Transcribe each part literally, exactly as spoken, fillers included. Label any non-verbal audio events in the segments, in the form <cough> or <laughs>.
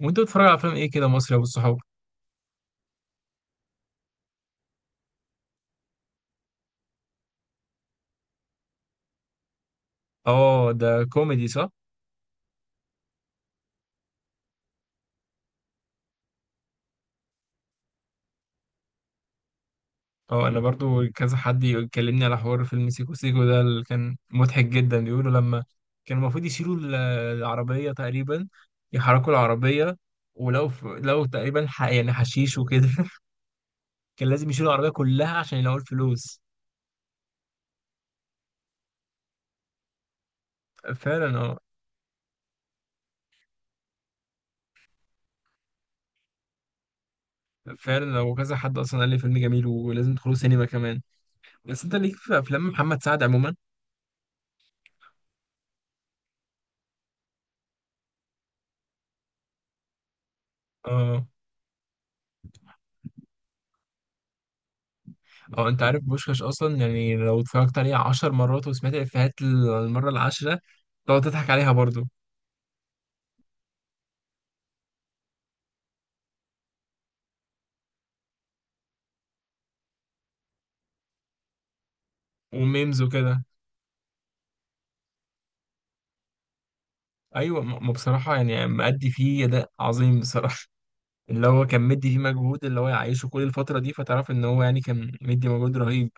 وانت بتتفرج على افلام ايه كده مصري يا ابو الصحاب؟ اه ده كوميدي صح؟ اه انا برضو كذا حد يكلمني على حوار فيلم سيكو سيكو ده اللي كان مضحك جدا، بيقولوا لما كان المفروض يشيلوا ال- العربية تقريبا، يحركوا العربية. ولو ف... لو تقريبا ح... يعني حشيش وكده <laughs> كان لازم يشيلوا العربية كلها عشان يلاقوا الفلوس. فعلا اه. فعلا لو كذا حد اصلا قال لي فيلم جميل، ولازم تدخلوا سينما كمان. بس انت ليك في افلام محمد سعد. عموما، هو انت عارف بوشكاش اصلا؟ يعني لو اتفرجت عليه عشر مرات وسمعت الافيهات المره العاشره، تقعد تضحك عليها برضو. وميمز وكده. ايوه، م- ما بصراحه يعني مأدي فيه اداء عظيم بصراحه. <laughs> اللي هو كان مدي فيه مجهود اللي هو يعيشه كل الفتره دي، فتعرف ان هو يعني كان مدي مجهود رهيب.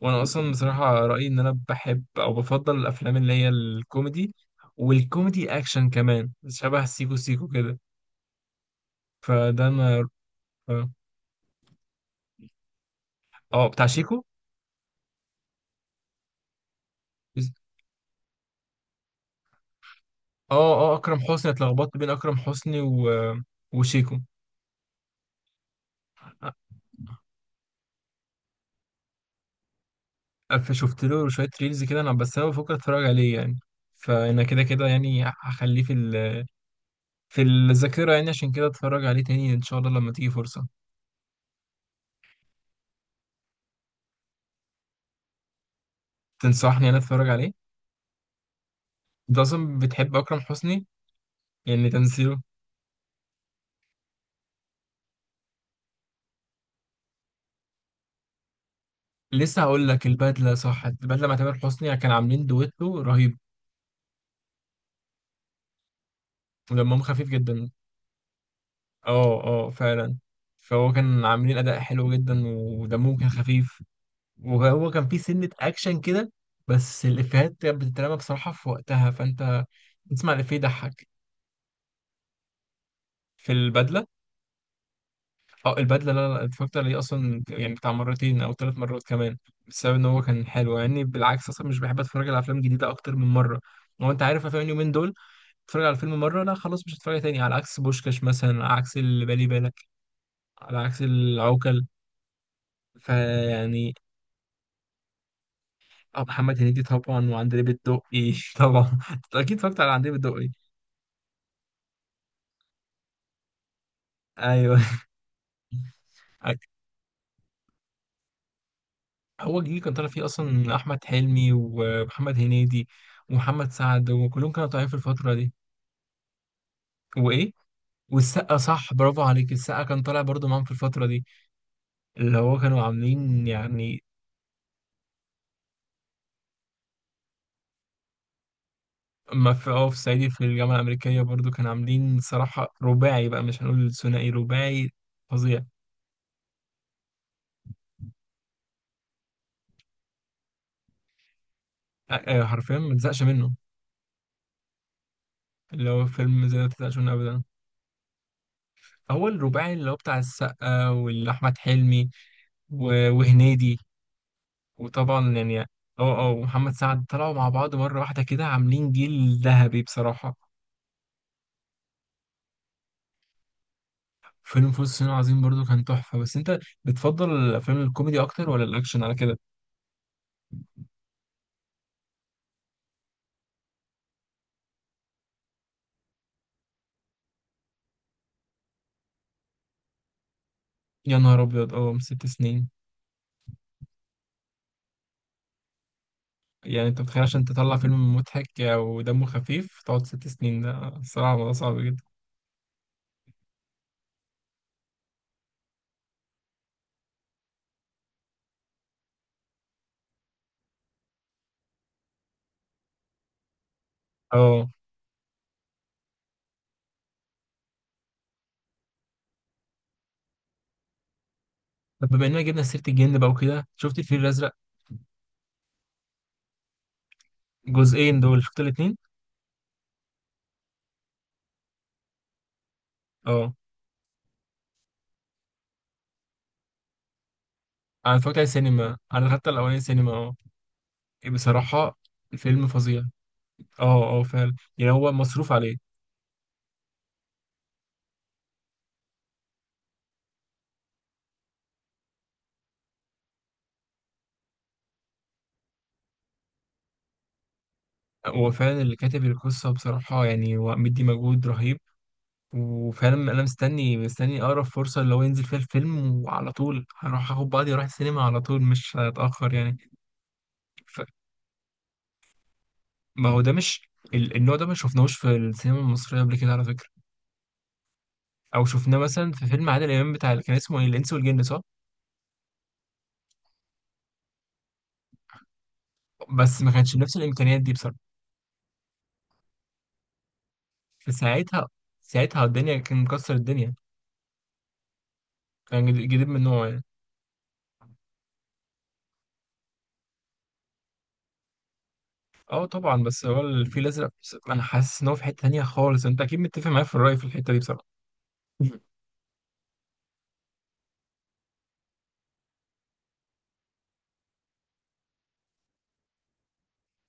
وانا اصلا بصراحه رايي ان انا بحب او بفضل الافلام اللي هي الكوميدي. والكوميدي اكشن كمان، شبه سيكو سيكو كده. فده انا. اه بتاع شيكو. اه اه اكرم حسني، اتلخبطت بين اكرم حسني و... وشيكو. أف- شفت له شويه ريلز كده انا، بس انا بفكر اتفرج عليه يعني. فانا كده كده يعني هخليه في ال... في الذاكره يعني، عشان كده اتفرج عليه تاني ان شاء الله لما تيجي فرصه. تنصحني انا اتفرج عليه؟ انت اصلا بتحب اكرم حسني، يعني تمثيله؟ لسه هقول لك البدله، صح؟ البدله مع تامر حسني كان عاملين دويتو رهيب. ودمهم خفيف جدا. اه اه فعلا. فهو كان عاملين اداء حلو جدا، ودمهم كان خفيف. وهو كان فيه سنة أكشن كده. بس الإفيهات كانت بتترمى بصراحة في وقتها، فأنت تسمع الإفيه يضحك. في البدلة؟ أو البدلة، لا لا اتفرجت عليه أصلا يعني بتاع مرتين أو ثلاث مرات كمان، بسبب إن هو كان حلو يعني. بالعكس، أصلا مش بحب أتفرج على أفلام جديدة أكتر من مرة. هو أنت عارف أفلام اليومين دول تتفرج على فيلم مرة، لا خلاص مش هتفرج تاني، على عكس بوشكاش مثلا، على عكس اللي بالي بالك، على عكس العوكل. فيعني. آه، محمد هنيدي طبعا، وعندليب الدقي <laughs> طبعا. أكيد اتفرجت على عندليب الدقي. ايوه. هو الجيل كان طالع فيه اصلا احمد حلمي ومحمد هنيدي ومحمد سعد، وكلهم كانوا طالعين في الفتره دي. وايه والسقا، صح، برافو عليك. السقا كان طالع برضو معاهم في الفتره دي اللي هو كانوا عاملين يعني. ما في اه في صعيدي في الجامعه الامريكيه برضو كانوا عاملين صراحه رباعي بقى، مش هنقول ثنائي، رباعي. فظيع. آه، آه، حرفيا ما تزهقش منه. اللي هو فيلم زي ما تزهقش منه ابدا. هو الرباعي اللي هو بتاع السقا واحمد حلمي و- وهنيدي، وطبعا يعني اه، اه ومحمد سعد طلعوا مع بعض مرة واحدة كده عاملين جيل ذهبي بصراحة. فيلم فول الصين العظيم برضو كان تحفة. بس انت بتفضل الافلام الكوميدي اكتر ولا الاكشن على كده؟ يا نهار ابيض، اه ست سنين. يعني انت متخيل عشان تطلع فيلم مضحك ودمه خفيف تقعد ست سنين؟ ده الصراحة الموضوع صعب جدا. اه. طب بما اننا جبنا سيرة الجن بقى وكده، شفت الفيل الازرق جزئين دول، شفت الاتنين؟ اه انا اتفرجت على السينما، انا دخلت الاولاني سينما اه. بصراحة الفيلم فظيع. اه اه فعلا، يعني هو مصروف عليه. هو فعلا اللي كاتب القصة بصراحة يعني هو مدي مجهود رهيب. وفعلا أنا مستني مستني أقرب فرصة اللي هو ينزل فيها الفيلم، وعلى طول هروح آخد بعضي وأروح السينما على طول، مش هتأخر يعني. ف... ما هو ده مش، ال- النوع ده ما شفناهوش في السينما المصرية قبل كده، على فكرة. أو شفناه مثلا في فيلم عادل إمام، بتاع اللي كان اسمه إيه؟ الإنس والجن، صح؟ بس ما كانش بنفس الإمكانيات دي بصراحة. فساعتها، ساعتها الدنيا كان مكسر الدنيا. كان جديد من نوعه يعني. اه طبعا. بس هو الفيل الازرق بس- انا حاسس ان هو في حته تانية خالص، انت اكيد متفق معايا في الراي في الحته دي بصراحه. مم.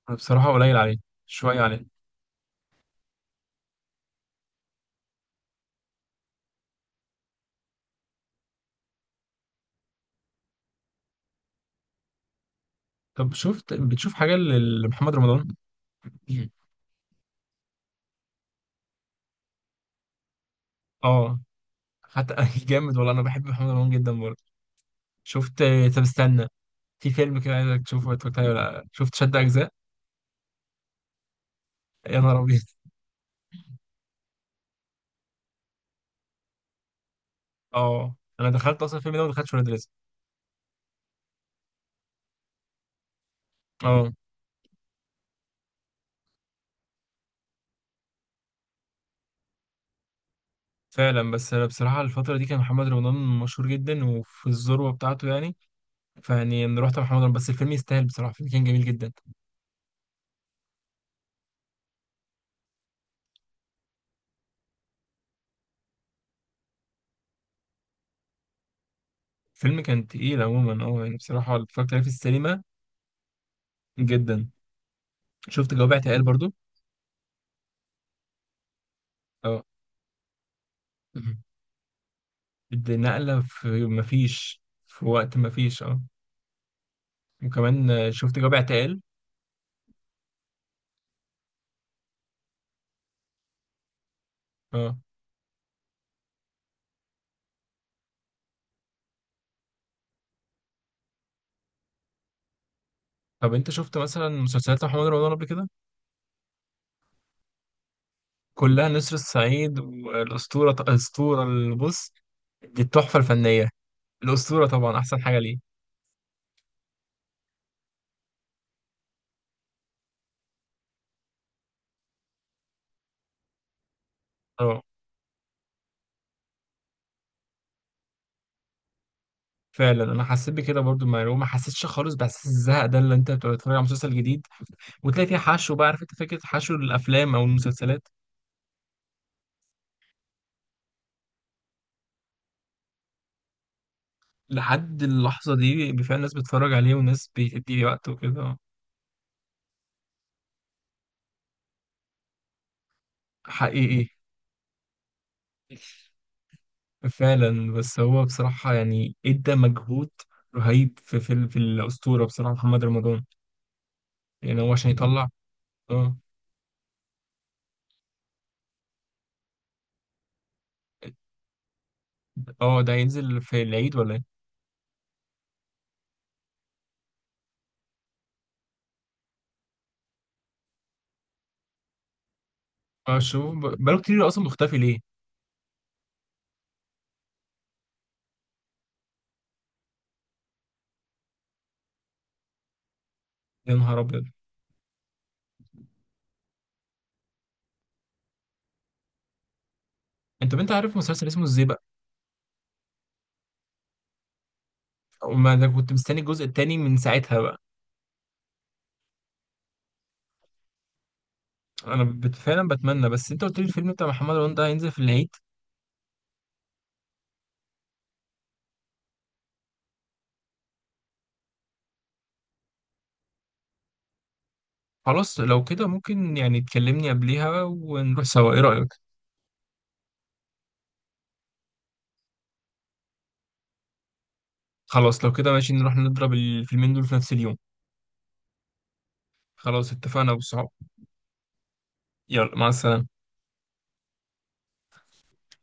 انا بصراحه قليل عليه، شويه عليه. طب شفت، بتشوف حاجه ل- لمحمد رمضان؟ مم. اه. حتى <laughs> جامد والله، انا بحب محمد رمضان جدا برضه. شفت. طب استنى، في فيلم كده عايزك تشوفه، اتفرجت عليه ولا لأ؟ شفت شد اجزاء؟ يا نهار ابيض <laughs> اه، انا دخلت اصلا الفيلم ده وما دخلتش ولاد رزق. اه فعلا. بس انا بصراحه الفتره دي كان محمد رمضان مشهور جدا وفي الذروه بتاعته يعني، فيعني نروح طبعا رمضان. بس الفيلم يستاهل بصراحة، الفيلم كان جميل جدا. الفيلم كان تقيل عموما اه. يعني بصراحة اتفرجت عليه في السينما، جدا. شفت جواب اعتقال برضو؟ اه مهم. دي نقلة، في مفيش في وقت مفيش، اه. وكمان آه، شفت جواب اعتقال اه. طب انت شفت مثلا مسلسلات محمد رمضان قبل كده، كلها، نسر الصعيد والأسطورة؟ الأسطورة البص، دي التحفة الفنية. الأسطورة طبعا أحسن حاجة ليه. اه فعلا. انا حسيت بكده برضو، المعلومه ما حسيتش خالص باحساس الزهق ده، اللي انت بتبقى بتتفرج على مسلسل جديد وتلاقي فيه حشو بقى، عارف انت فكره حشو الافلام او المسلسلات. لحد اللحظه دي، بفعلا الناس بتتفرج عليه، وناس بتدي وقت وكده. حقيقي. فعلا. بس هو بصراحة يعني ادى مجهود رهيب في في, ال- في الأسطورة بصراحة محمد رمضان. يعني هو عشان يطلع. اه اه، ده هينزل في العيد ولا ايه؟ اه شوف ب- بقاله كتير أصلا، مختفي ليه؟ يا نهار أبيض، انت بنت عارف مسلسل اسمه ازاي. وما انا كنت مستني الجزء التاني من ساعتها بقى. انا بت- فعلا بتمنى. بس انت قلت لي الفيلم بتاع محمد رمضان ده هينزل في العيد. خلاص لو كده ممكن يعني تكلمني قبليها ونروح سوا، ايه رأيك؟ خلاص لو كده ماشي، نروح نضرب الفيلمين دول في نفس اليوم. خلاص اتفقنا يا ابو الصحاب. يلا مع السلامة.